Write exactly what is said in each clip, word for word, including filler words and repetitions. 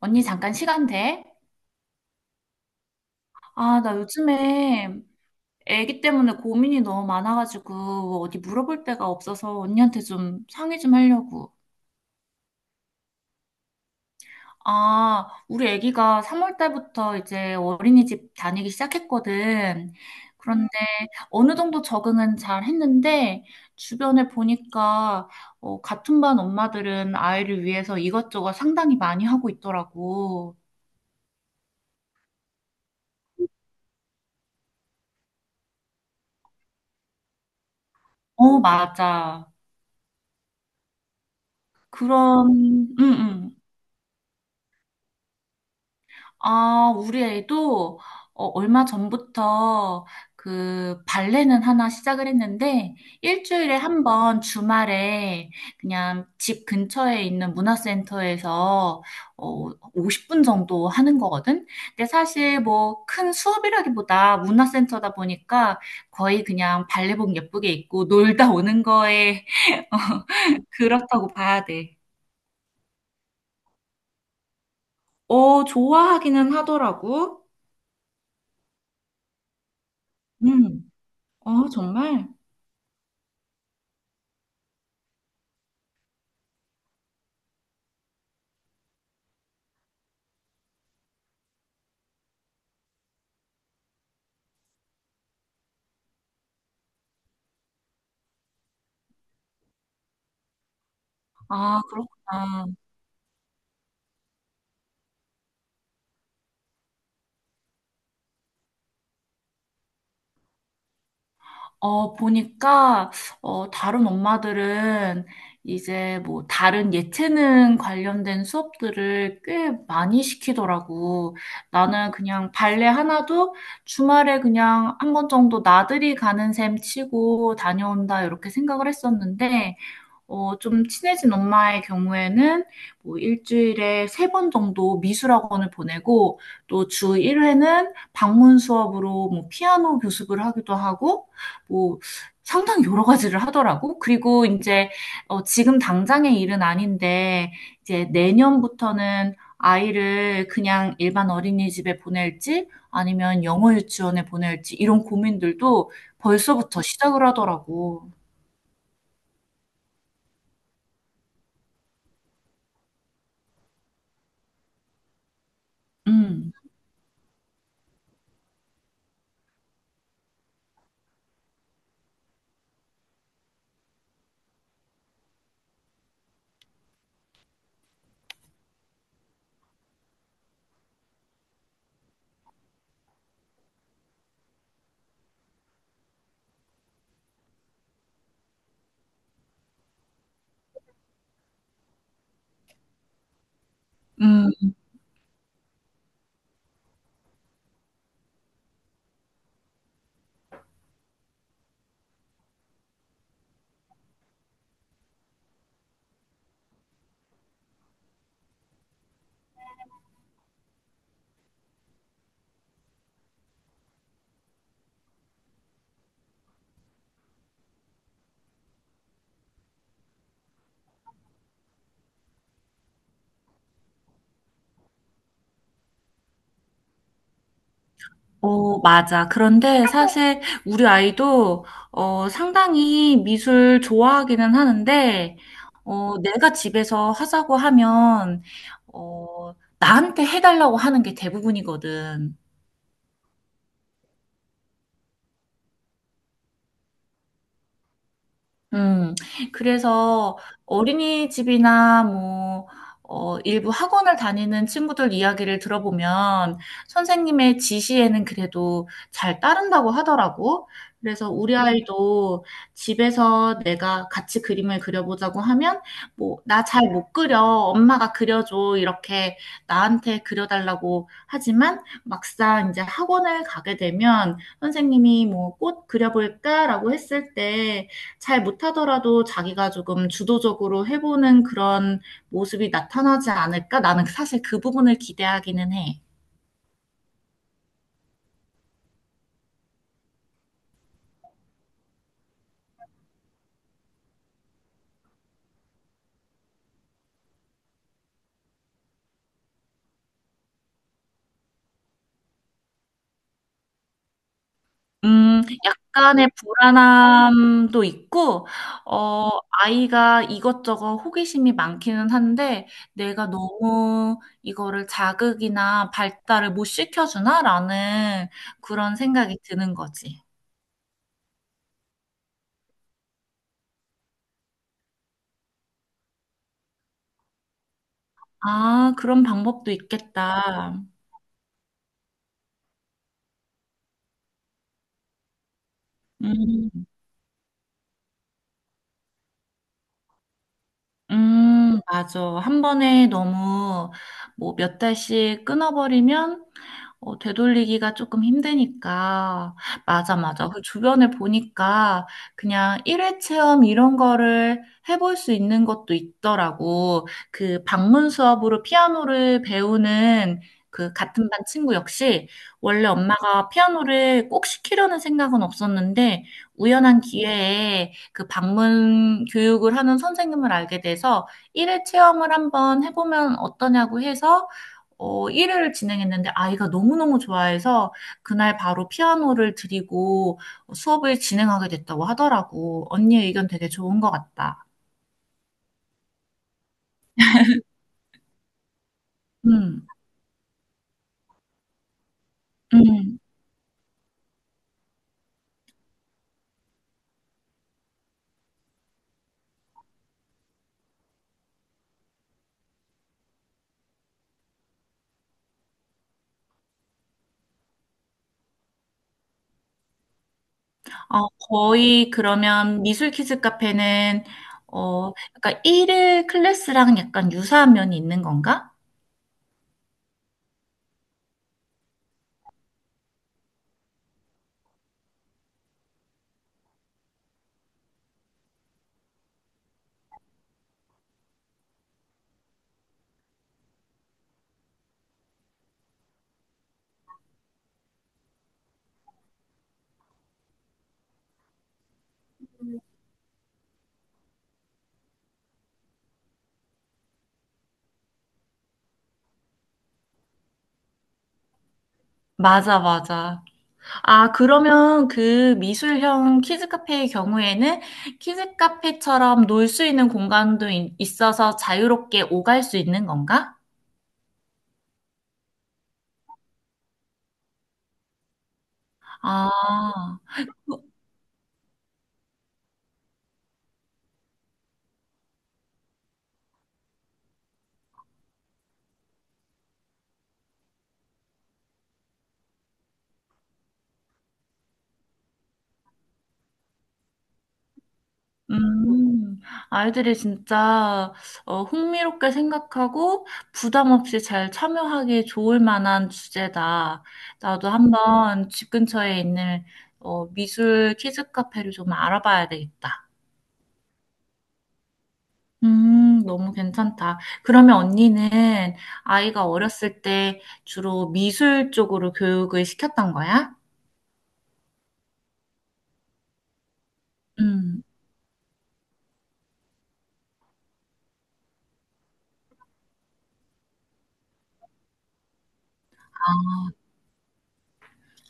언니 잠깐 시간 돼? 아, 나 요즘에 애기 때문에 고민이 너무 많아가지고 어디 물어볼 데가 없어서 언니한테 좀 상의 좀 하려고. 아, 우리 애기가 삼월 달부터 이제 어린이집 다니기 시작했거든. 그런데 어느 정도 적응은 잘 했는데 주변에 보니까 어, 같은 반 엄마들은 아이를 위해서 이것저것 상당히 많이 하고 있더라고. 어, 맞아. 그런, 응, 응. 아, 우리 애도 어, 얼마 전부터 그 발레는 하나 시작을 했는데 일주일에 한 번 주말에 그냥 집 근처에 있는 문화센터에서 어, 오십 분 정도 하는 거거든. 근데 사실 뭐 큰 수업이라기보다 문화센터다 보니까 거의 그냥 발레복 예쁘게 입고 놀다 오는 거에 그렇다고 봐야 돼. 어, 좋아하기는 하더라고. 음. 어, 정말. 아, 그렇구나. 어, 보니까, 어, 다른 엄마들은 이제 뭐 다른 예체능 관련된 수업들을 꽤 많이 시키더라고. 나는 그냥 발레 하나도 주말에 그냥 한 번 정도 나들이 가는 셈 치고 다녀온다, 이렇게 생각을 했었는데, 어, 좀 친해진 엄마의 경우에는 뭐 일주일에 세 번 정도 미술학원을 보내고 또 주 일 회는 방문 수업으로 뭐 피아노 교습을 하기도 하고 뭐 상당히 여러 가지를 하더라고. 그리고 이제 어, 지금 당장의 일은 아닌데 이제 내년부터는 아이를 그냥 일반 어린이집에 보낼지 아니면 영어 유치원에 보낼지 이런 고민들도 벌써부터 시작을 하더라고. 음. 어, 맞아. 그런데 사실 우리 아이도 어, 상당히 미술 좋아하기는 하는데, 어, 내가 집에서 하자고 하면, 어, 나한테 해달라고 하는 게 대부분이거든. 음, 그래서 어린이집이나 뭐, 어, 일부 학원을 다니는 친구들 이야기를 들어보면 선생님의 지시에는 그래도 잘 따른다고 하더라고. 그래서 우리 아이도 집에서 내가 같이 그림을 그려보자고 하면 뭐, 나 잘 못 그려. 엄마가 그려줘. 이렇게 나한테 그려달라고 하지만 막상 이제 학원을 가게 되면 선생님이 뭐, 꽃 그려볼까라고 했을 때 잘 못하더라도 자기가 조금 주도적으로 해보는 그런 모습이 나타나지 않을까? 나는 사실 그 부분을 기대하기는 해. 음, 약간의 불안함도 있고, 어, 아이가 이것저것 호기심이 많기는 한데, 내가 너무 이거를 자극이나 발달을 못 시켜주나라는 그런 생각이 드는 거지. 아, 그런 방법도 있겠다. 음. 음, 맞아. 한 번에 너무 뭐 몇 달씩 끊어버리면 어, 되돌리기가 조금 힘드니까. 맞아, 맞아. 그 주변을 보니까 그냥 일회 체험 이런 거를 해볼 수 있는 것도 있더라고. 그 방문 수업으로 피아노를 배우는 그 같은 반 친구 역시 원래 엄마가 피아노를 꼭 시키려는 생각은 없었는데 우연한 기회에 그 방문 교육을 하는 선생님을 알게 돼서 일회 체험을 한번 해보면 어떠냐고 해서 어, 일 회를 진행했는데 아이가 너무너무 좋아해서 그날 바로 피아노를 드리고 수업을 진행하게 됐다고 하더라고. 언니 의견 되게 좋은 것 같다. 음, 음. 어, 거의 그러면 미술 키즈 카페는 어, 약간 일 일 클래스랑 약간 유사한 면이 있는 건가? 맞아, 맞아. 아, 그러면 그 미술형 키즈 카페의 경우에는 키즈 카페처럼 놀 수 있는 공간도 이- 있어서 자유롭게 오갈 수 있는 건가? 아, 어, 음, 아이들이 진짜 어, 흥미롭게 생각하고 부담 없이 잘 참여하기 좋을 만한 주제다. 나도 한번 집 근처에 있는 어, 미술 키즈 카페를 좀 알아봐야 되겠다. 음, 너무 괜찮다. 그러면 언니는 아이가 어렸을 때 주로 미술 쪽으로 교육을 시켰던 거야? 음.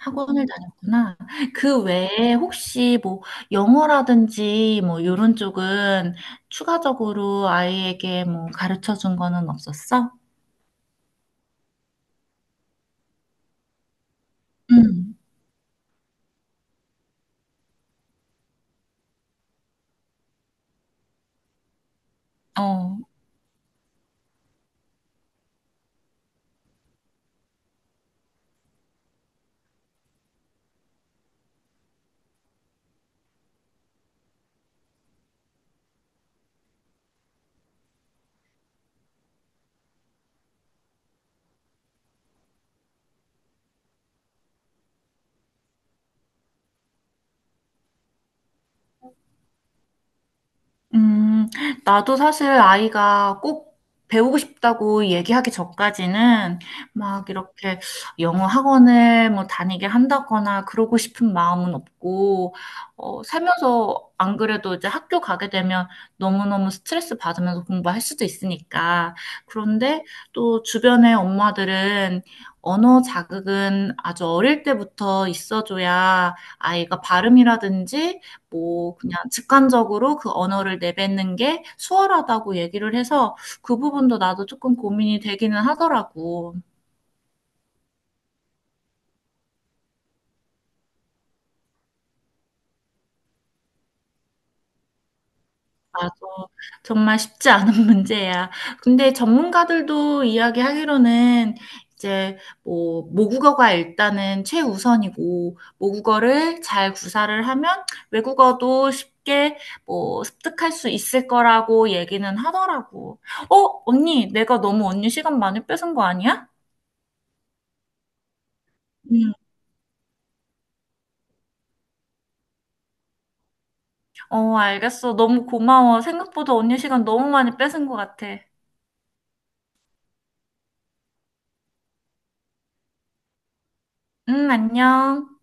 학원을 다녔구나. 그 외에 혹시 뭐 영어라든지 뭐 이런 쪽은 추가적으로 아이에게 뭐 가르쳐 준 거는 없었어? 응, 어. 음, 나도 사실 아이가 꼭 배우고 싶다고 얘기하기 전까지는 막 이렇게 영어 학원을 뭐 다니게 한다거나 그러고 싶은 마음은 없고, 어, 살면서 안 그래도 이제 학교 가게 되면 너무너무 스트레스 받으면서 공부할 수도 있으니까. 그런데 또 주변의 엄마들은 언어 자극은 아주 어릴 때부터 있어줘야 아이가 발음이라든지 뭐 그냥 직관적으로 그 언어를 내뱉는 게 수월하다고 얘기를 해서 그 부분도 나도 조금 고민이 되기는 하더라고. 맞아. 정말 쉽지 않은 문제야. 근데 전문가들도 이야기하기로는 이제 뭐 모국어가 일단은 최우선이고 모국어를 잘 구사를 하면 외국어도 쉽게 뭐 습득할 수 있을 거라고 얘기는 하더라고. 어 언니 내가 너무 언니 시간 많이 뺏은 거 아니야? 음. 어, 알겠어. 너무 고마워. 생각보다 언니 시간 너무 많이 뺏은 것 같아. 응, 안녕.